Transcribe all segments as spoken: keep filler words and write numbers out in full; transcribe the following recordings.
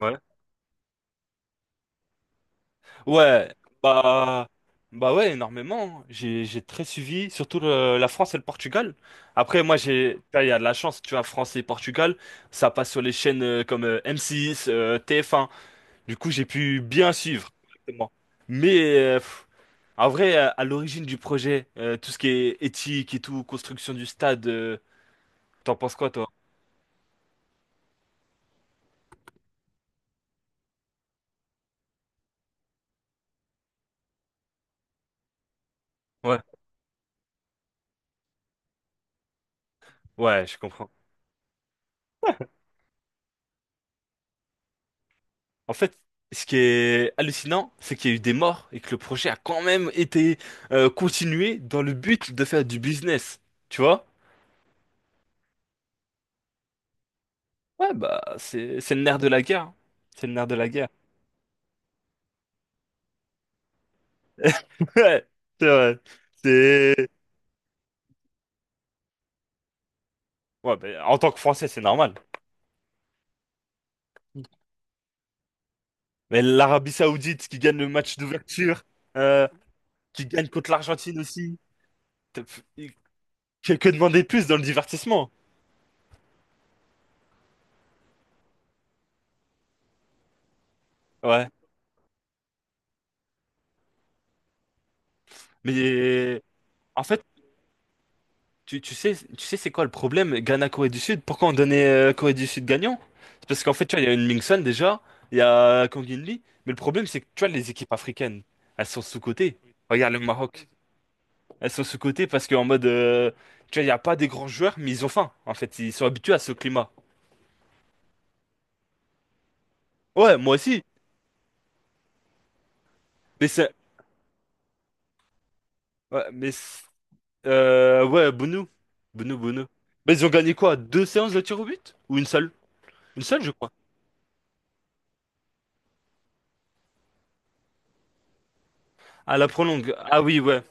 Ouais. Ouais, bah, bah ouais, énormément. J'ai, j'ai très suivi, surtout le- la France et le Portugal. Après, moi, j'ai, là, il y a de la chance, tu vois, France et Portugal, ça passe sur les chaînes euh, comme euh, M six, euh, T F un. Du coup, j'ai pu bien suivre, exactement. Mais, euh, pff, en vrai, euh, à l'origine du projet, euh, tout ce qui est éthique et tout, construction du stade, euh, t'en penses quoi, toi? Ouais. Ouais, je comprends. En fait, ce qui est hallucinant, c'est qu'il y a eu des morts et que le projet a quand même été euh, continué dans le but de faire du business. Tu vois? Ouais, bah, c'est c'est le nerf de la guerre, hein. C'est le nerf de la guerre. Ouais, c'est vrai. C'est... Ouais, bah, en tant que Français, c'est normal. Mais l'Arabie Saoudite qui gagne le match d'ouverture, euh, qui gagne contre l'Argentine aussi. T'as- Que, que demander de plus dans le divertissement? Ouais. Mais en fait, Tu, tu sais, tu sais c'est quoi le problème? Ghana-Corée du Sud? Pourquoi on donnait euh, Corée du Sud gagnant? C'est parce qu'en fait, tu vois, il y a une Mingson déjà, il y a Kang In-lee, mais le problème, c'est que tu vois, les équipes africaines, elles sont sous-cotées. Regarde le Maroc, elles sont sous-cotées parce qu'en mode, euh, tu vois, il n'y a pas des grands joueurs, mais ils ont faim, en fait, ils sont habitués à ce climat. Ouais, moi aussi, mais c'est. Ouais, mais c'est- Euh, ouais, Bounou. Bounou, Bounou. Mais ils ont gagné quoi? Deux séances de tir au but? Ou une seule? Une seule, je crois. À la prolongue. Ah oui, ouais.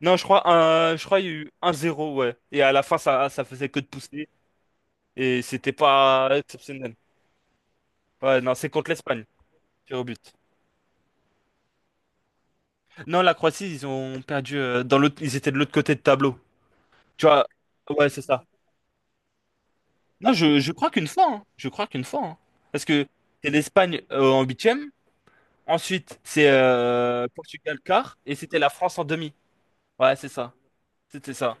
Non, je crois, un, je crois il y a eu un zéro, ouais. Et à la fin, ça, ça faisait que de pousser. Et c'était pas exceptionnel. Ouais, non, c'est contre l'Espagne, tir au but. Non, la Croatie, ils ont perdu euh, dans l'autre, ils étaient de l'autre côté de tableau. Tu vois, ouais, c'est ça. Non, je, je crois qu'une fois, hein. Je crois qu'une fois, hein. Parce que c'est l'Espagne euh, en huitième. Ensuite, c'est euh, Portugal quart. Et c'était la France en demi. Ouais, c'est ça. C'était ça.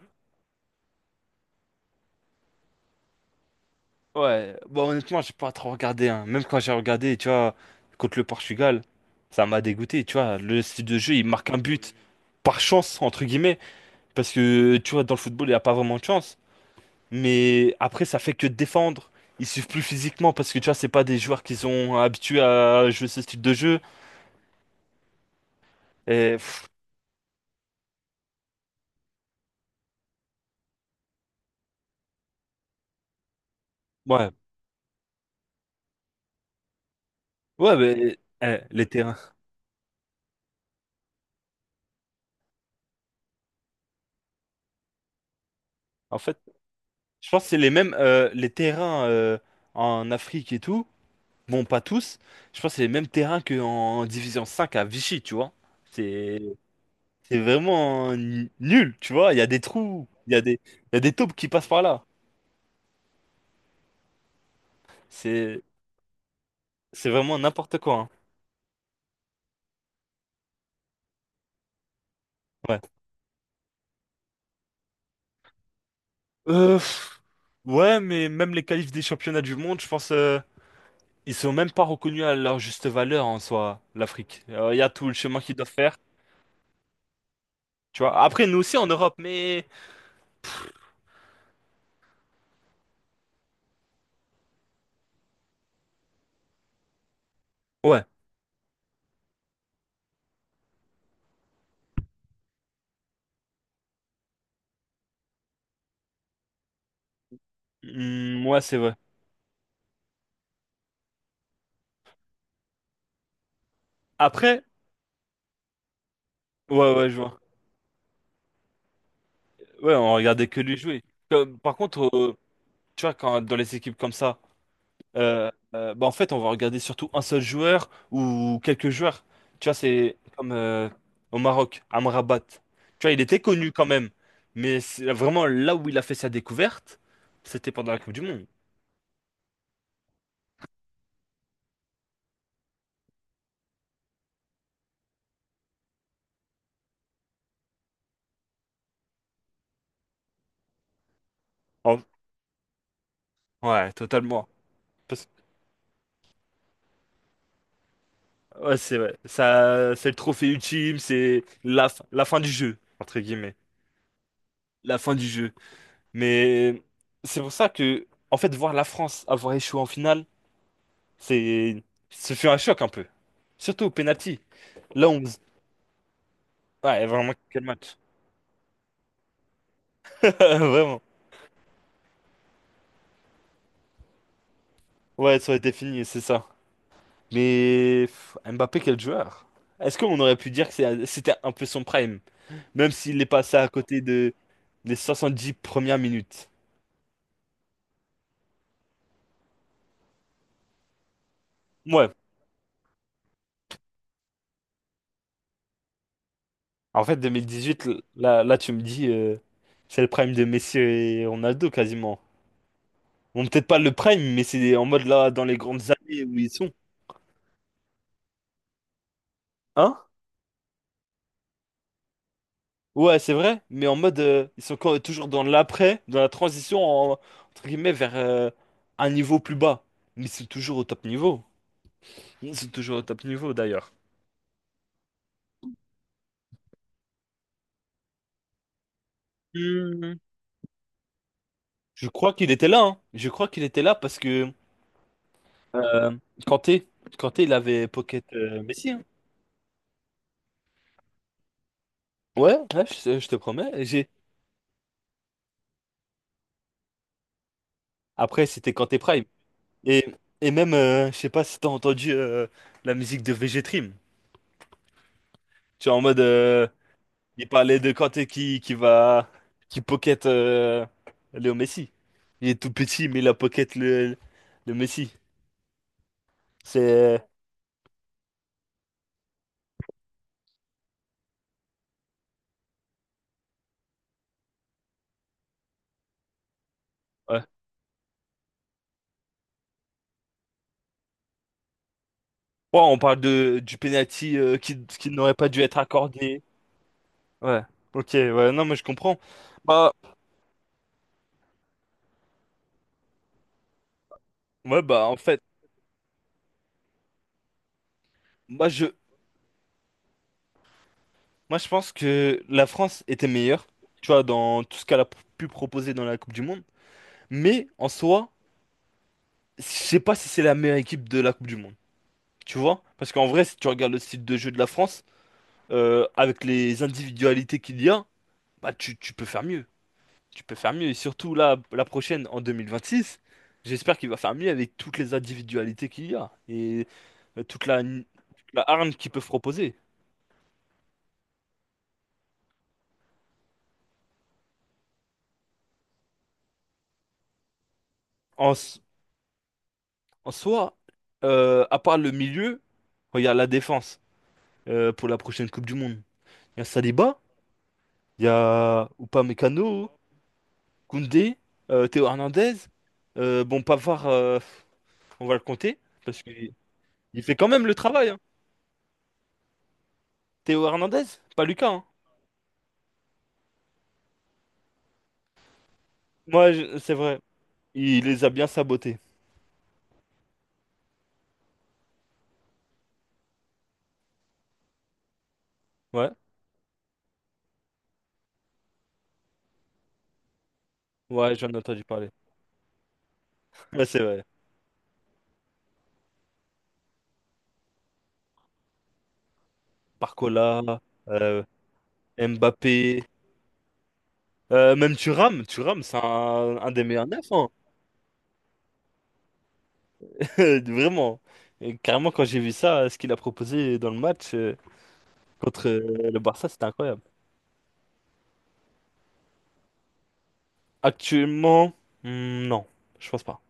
Ouais, bon, honnêtement, j'ai pas trop regardé, hein. Même quand j'ai regardé, tu vois, contre le Portugal, ça m'a dégoûté, tu vois. Le style de jeu, il marque un but par chance, entre guillemets, parce que, tu vois, dans le football, il n'y a pas vraiment de chance. Mais après, ça fait que défendre. Ils suivent plus physiquement parce que, tu vois, c'est pas des joueurs qui sont habitués à jouer ce style de jeu. Et, pff, ouais, ouais, mais eh, les terrains. En fait, je pense que c'est les mêmes, euh, les terrains euh, en Afrique et tout. Bon, pas tous. Je pense que c'est les mêmes terrains qu'en Division cinq à Vichy, tu vois. C'est c'est vraiment n- nul, tu vois. Il y a des trous, il y a des, il y a des taupes qui passent par là. C'est c'est vraiment n'importe quoi, hein. Ouais. Euh, pff, ouais, mais même les qualifs des championnats du monde, je pense, euh, ils sont même pas reconnus à leur juste valeur en soi, l'Afrique. Euh, Il y a tout le chemin qu'ils doivent faire, tu vois. Après, nous aussi en Europe, mais... Ouais. Hmm, ouais, c'est vrai. Après, ouais, ouais, je vois. Ouais, on regardait que lui jouer. Comme- par contre, euh, tu vois, quand, dans les équipes comme ça, euh, euh, bah, en fait, on va regarder surtout un seul joueur ou quelques joueurs. Tu vois, c'est comme euh, au Maroc, Amrabat. Tu vois, il était connu quand même, mais c'est vraiment là où il a fait sa découverte, c'était pendant la Coupe du Monde. En- Ouais, totalement. Parce- ouais, c'est vrai. Ça, c'est le trophée ultime, c'est la, fin- la fin du jeu, entre guillemets. La fin du jeu. Mais c'est pour ça que, en fait, voir la France avoir échoué en finale, c'est, ce fut un choc un peu. Surtout au penalty. Là, on... Ouais, vraiment, quel match. Vraiment. Ouais, ça aurait été fini, c'est ça. Mais pff, Mbappé, quel joueur. Est-ce qu'on aurait pu dire que c'est- c'était un peu son prime, même s'il est passé à côté de les soixante-dix premières minutes? Ouais. En fait, deux mille dix-huit, l- là, là tu me dis, euh, c'est le prime de Messi et Ronaldo quasiment. Bon, peut-être pas le prime, mais c'est en mode là, dans les grandes années où ils sont. Hein? Ouais, c'est vrai, mais en mode, euh, ils sont quand- toujours dans l'après, dans la transition, en- entre guillemets, vers euh, un niveau plus bas. Mais c'est toujours au top niveau. Ils sont toujours au top niveau, d'ailleurs. Hmm. Je crois qu'il était là, hein. Je crois qu'il était là parce que euh, Kanté, Kanté, il avait Pocket euh, Messi, hein. Ouais, ouais, je, je te promets. J'ai... Après, c'était Kanté Prime. Et, et même, euh, je sais pas si t'as entendu euh, la musique de V G Trim. Tu vois, en mode, euh, il parlait de Kanté qui, qui va, qui pocket euh, Léo Messi. Il est tout petit, mais il a pocket le, le Messi. C'est, ouais. Ouais, on parle de, du penalty euh, qui, qui n'aurait pas dû être accordé. Ouais. Ok, ouais, non, mais je comprends. Bah, ouais, bah, en fait, moi, je, moi, je pense que la France était meilleure, tu vois, dans tout ce qu'elle a pu proposer dans la Coupe du Monde. Mais, en soi, je sais pas si c'est la meilleure équipe de la Coupe du Monde. Tu vois? Parce qu'en vrai, si tu regardes le style de jeu de la France, euh, avec les individualités qu'il y a, bah tu, tu peux faire mieux. Tu peux faire mieux. Et surtout là, la prochaine, en deux mille vingt-six, j'espère qu'il va faire mieux avec toutes les individualités qu'il y a. Et euh, toute la, toute la hargne qu'ils peuvent proposer. En, s- en soi, euh, à part le milieu, regarde la défense euh, pour la prochaine Coupe du Monde. Il y a Saliba, il y a Upamecano, Koundé, euh, Théo Hernandez. Euh, bon, Pavard, euh, on va le compter parce qu'il il fait quand même le travail, hein. Théo Hernandez, pas Lucas, hein. Moi, je- c'est vrai. Il les a bien sabotés. Ouais, ouais, j'en ai entendu parler. Ouais, c'est vrai. Barcola, euh, Mbappé, euh, même Thuram. Thuram, c'est un, un des meilleurs neufs, hein. Vraiment. Et carrément, quand j'ai vu ça, ce qu'il a proposé dans le match euh, contre euh, le Barça, c'était incroyable. Actuellement, hmm, non, je pense pas.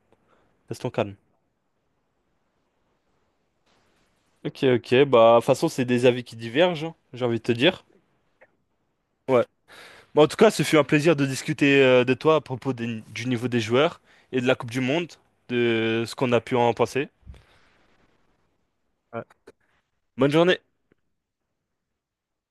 Restons calme. Ok, ok, bah, de toute façon, c'est des avis qui divergent, hein, j'ai envie de te dire. Ouais. Bon, en tout cas, ce fut un plaisir de discuter euh, de toi à propos des- du niveau des joueurs et de la Coupe du Monde, de ce qu'on a pu en penser. Ouais. Bonne journée.